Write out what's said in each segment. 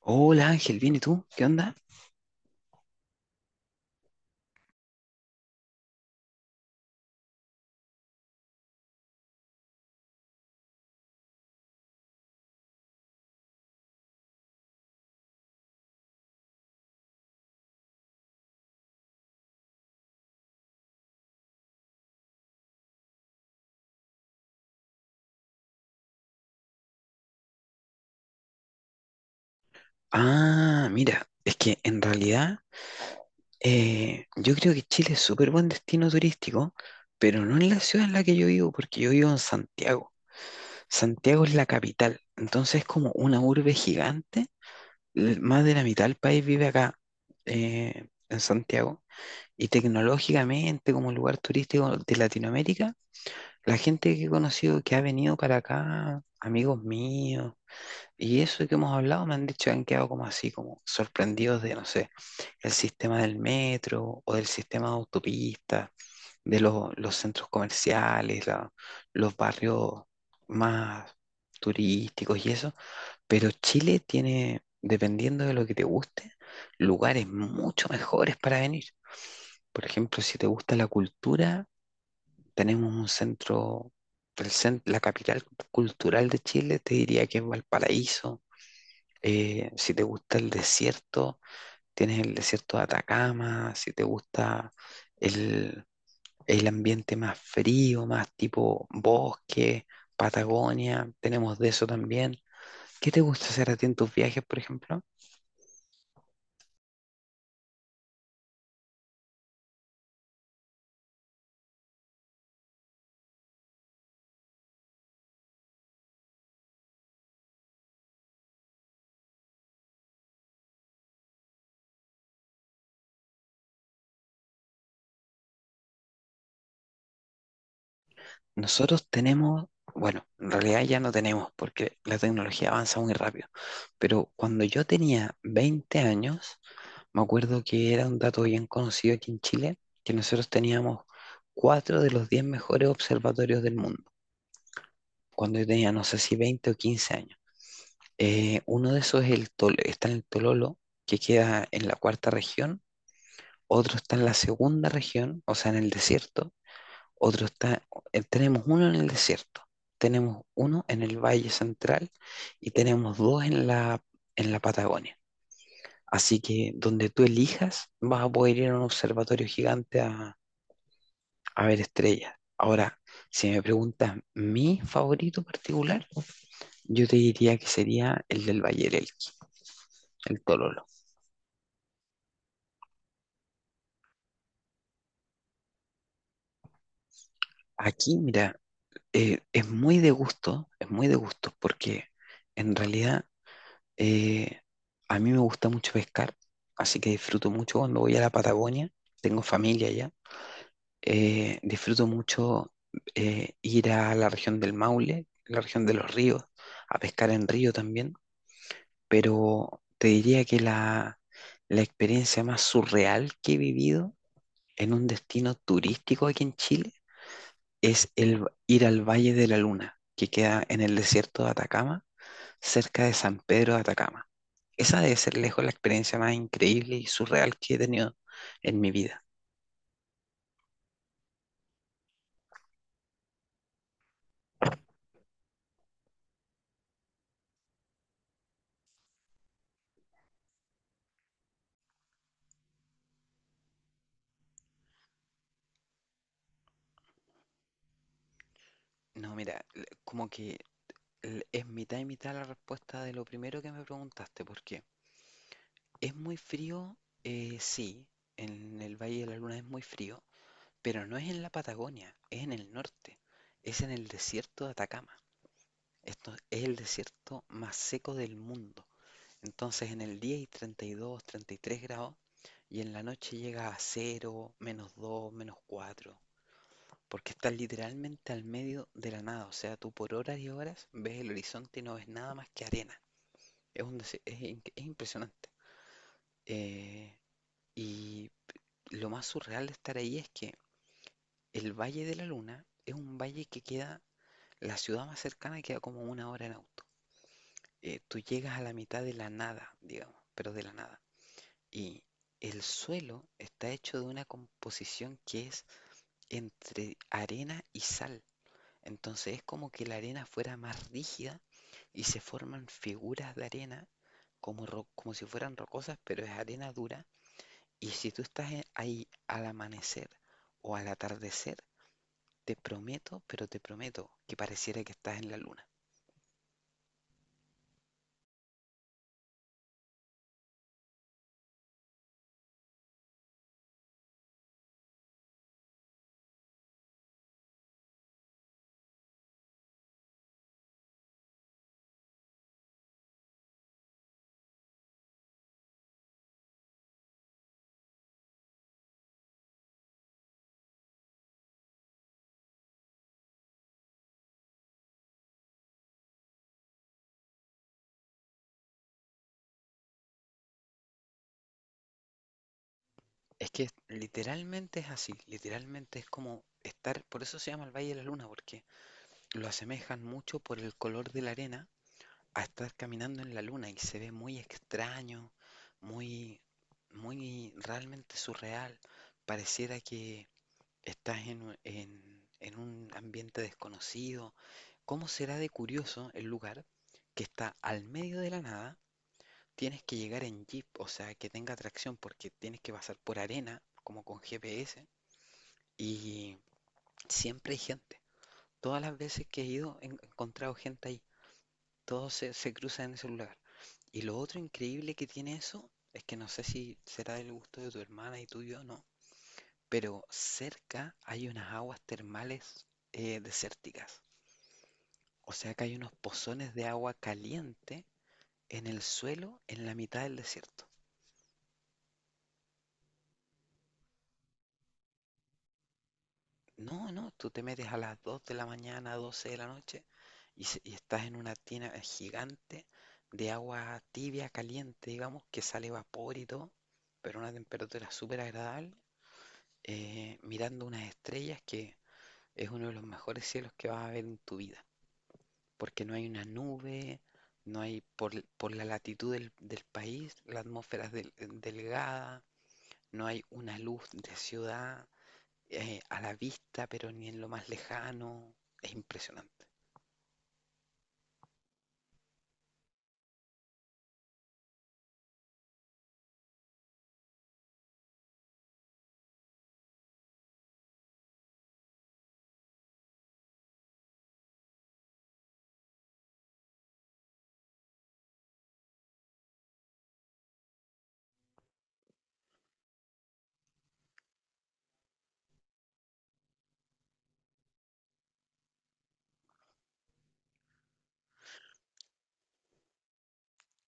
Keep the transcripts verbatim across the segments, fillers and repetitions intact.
Hola Ángel, ¿bien y tú? ¿Qué onda? Ah, mira, es que en realidad eh, yo creo que Chile es súper buen destino turístico, pero no en la ciudad en la que yo vivo, porque yo vivo en Santiago. Santiago es la capital, entonces es como una urbe gigante. l- Más de la mitad del país vive acá, eh, en Santiago. Y tecnológicamente, como lugar turístico de Latinoamérica, la gente que he conocido que ha venido para acá, amigos míos, y eso que hemos hablado me han dicho que han quedado como así, como sorprendidos de, no sé, el sistema del metro o del sistema de autopistas, de lo- los centros comerciales, la- los barrios más turísticos y eso. Pero Chile tiene, dependiendo de lo que te guste, lugares mucho mejores para venir. Por ejemplo, si te gusta la cultura, tenemos un centro, el cen- la capital cultural de Chile, te diría que es Valparaíso. Eh, si te gusta el desierto, tienes el desierto de Atacama. Si te gusta el, el ambiente más frío, más tipo bosque, Patagonia, tenemos de eso también. ¿Qué te gusta hacer a ti en tus viajes, por ejemplo? Nosotros tenemos, bueno, en realidad ya no tenemos porque la tecnología avanza muy rápido, pero cuando yo tenía veinte años, me acuerdo que era un dato bien conocido aquí en Chile, que nosotros teníamos cuatro de los diez mejores observatorios del mundo, cuando yo tenía, no sé si veinte o quince años. Eh, uno de esos es el Tol- está en el Tololo, que queda en la cuarta región, otro está en la segunda región, o sea, en el desierto, otro está, eh, tenemos uno en el desierto, tenemos uno en el Valle Central y tenemos dos en la, en la Patagonia. Así que donde tú elijas, vas a poder ir a un observatorio gigante a, A ver, estrella. Ahora, si me preguntas mi favorito particular, yo te diría que sería el del Valle del Elqui, el Tololo. Aquí, mira, eh, es muy de gusto, es muy de gusto, porque en realidad eh, a mí me gusta mucho pescar, así que disfruto mucho cuando voy a la Patagonia, tengo familia allá, eh, disfruto mucho eh, ir a la región del Maule, la región de los ríos, a pescar en río también, pero te diría que la, la experiencia más surreal que he vivido en un destino turístico aquí en Chile es el va- ir al Valle de la Luna, que queda en el desierto de Atacama, cerca de San Pedro de Atacama. Esa debe ser lejos la experiencia más increíble y surreal que he tenido en mi vida. No, mira, l- como que l- es mitad y mitad la respuesta de lo primero que me preguntaste, porque es muy frío, eh, sí, en el Valle de la Luna es muy frío, pero no es en la Patagonia, es en el norte, es en el desierto de Atacama. Esto es el desierto más seco del mundo. Entonces en el día hay treinta y dos, treinta y tres grados y en la noche llega a cero, menos dos, menos cuatro, porque estás literalmente al medio de la nada. O sea, tú por horas y horas ves el horizonte y no ves nada más que arena. Es un es es impresionante. Eh, y lo más surreal de estar ahí es que el Valle de la Luna es un valle que queda... La ciudad más cercana queda como una hora en auto. Eh, tú llegas a la mitad de la nada, digamos, pero de la nada. Y el suelo está hecho de una composición que es entre arena y sal. Entonces es como que la arena fuera más rígida y se forman figuras de arena como, ro- como si fueran rocosas, pero es arena dura. Y si tú estás en- ahí al amanecer o al atardecer, te prometo, pero te prometo que pareciera que estás en la luna. Es que literalmente es así, literalmente es como estar, por eso se llama el Valle de la Luna, porque lo asemejan mucho por el color de la arena a estar caminando en la luna y se ve muy extraño, muy, muy realmente surreal. Pareciera que estás en, en, en un ambiente desconocido. ¿Cómo será de curioso el lugar que está al medio de la nada? Tienes que llegar en jeep, o sea, que tenga tracción porque tienes que pasar por arena, como con G P S. Y siempre hay gente. Todas las veces que he ido he encontrado gente ahí. Todos se, se cruzan en ese lugar. Y lo otro increíble que tiene eso es que no sé si será del gusto de tu hermana y tuyo o no, pero cerca hay unas aguas termales eh, desérticas. O sea que hay unos pozones de agua caliente en el suelo en la mitad del desierto. No, no, tú te metes a las dos de la mañana, doce de la noche, y se- y estás en una tina eh, gigante de agua tibia, caliente, digamos, que sale vapor y todo, pero a una temperatura súper agradable, eh, mirando unas estrellas que es uno de los mejores cielos que vas a ver en tu vida, porque no hay una nube, no hay, por, l- por la latitud del, del país, la atmósfera es del- eh, delgada, no hay una luz de ciudad, eh, a la vista, pero ni en lo más lejano. Es impresionante.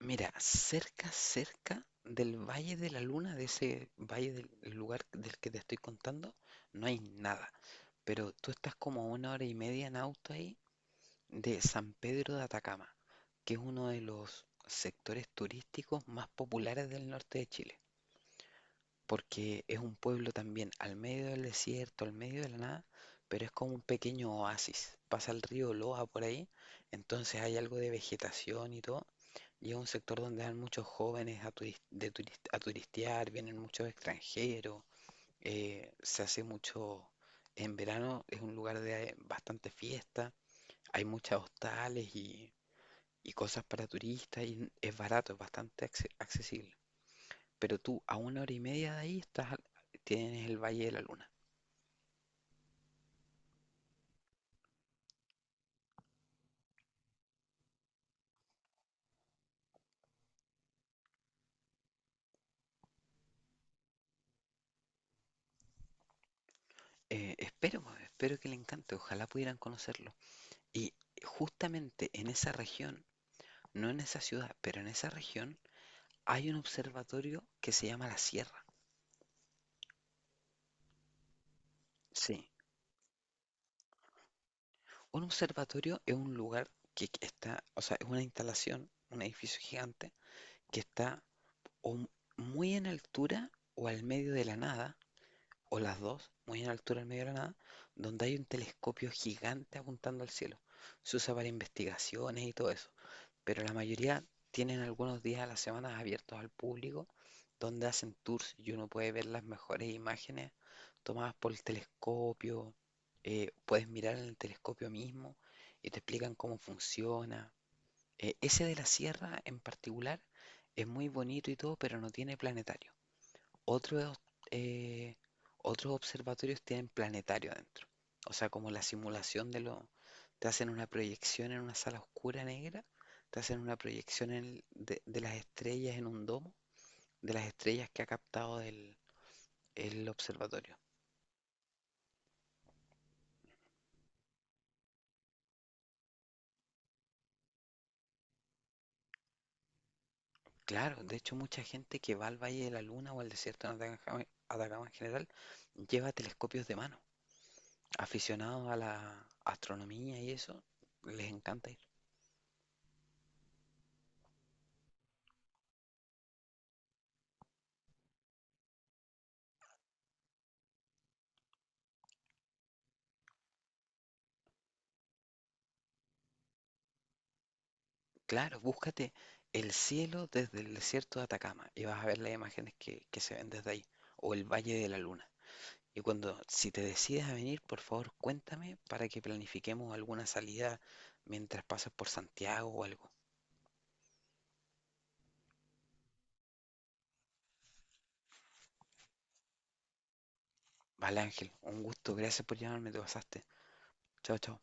Mira, cerca, cerca del Valle de la Luna, de ese valle del lugar del que te estoy contando, no hay nada. Pero tú estás como una hora y media en auto ahí de San Pedro de Atacama, que es uno de los sectores turísticos más populares del norte de Chile, porque es un pueblo también al medio del desierto, al medio de la nada, pero es como un pequeño oasis. Pasa el río Loa por ahí, entonces hay algo de vegetación y todo. Y es un sector donde van muchos jóvenes a, turis- de turis- a turistear, vienen muchos extranjeros, eh, se hace mucho, en verano es un lugar de bastante fiesta, hay muchas hostales y, y cosas para turistas y es barato, es bastante acce- accesible. Pero tú, a una hora y media de ahí, estás, al- tienes el Valle de la Luna. Eh, espero, pues, espero que le encante, ojalá pudieran conocerlo. Y justamente en esa región, no en esa ciudad, pero en esa región, hay un observatorio que se llama La Sierra. Sí, un observatorio es un lugar que que está, o sea, es una instalación, un edificio gigante, que está o mu- muy en altura o al medio de la nada, o las dos, muy en altura en medio de la nada, donde hay un telescopio gigante apuntando al cielo. Se usa para investigaciones y todo eso, pero la mayoría tienen algunos días a la semana abiertos al público, donde hacen tours y uno puede ver las mejores imágenes tomadas por el telescopio, eh, puedes mirar en el telescopio mismo y te explican cómo funciona. Eh, ese de la Sierra en particular es muy bonito y todo, pero no tiene planetario. Otros, eh, otros observatorios tienen planetario adentro. O sea, como la simulación de lo... Te hacen una proyección en una sala oscura negra, te hacen una proyección en de, de las estrellas en un domo, de las estrellas que ha captado el, el observatorio. Claro, de hecho mucha gente que va al Valle de la Luna o al desierto de Atacama, Atacama en general, lleva telescopios de mano. Aficionados a la astronomía y eso, les encanta. Claro, búscate el cielo desde el desierto de Atacama y vas a ver las imágenes que, que se ven desde ahí, o el Valle de la Luna. Y cuando, si te decides a venir, por favor, cuéntame para que planifiquemos alguna salida mientras pasas por Santiago o algo. Vale, Ángel, un gusto, gracias por llamarme, te pasaste. Chao, chao.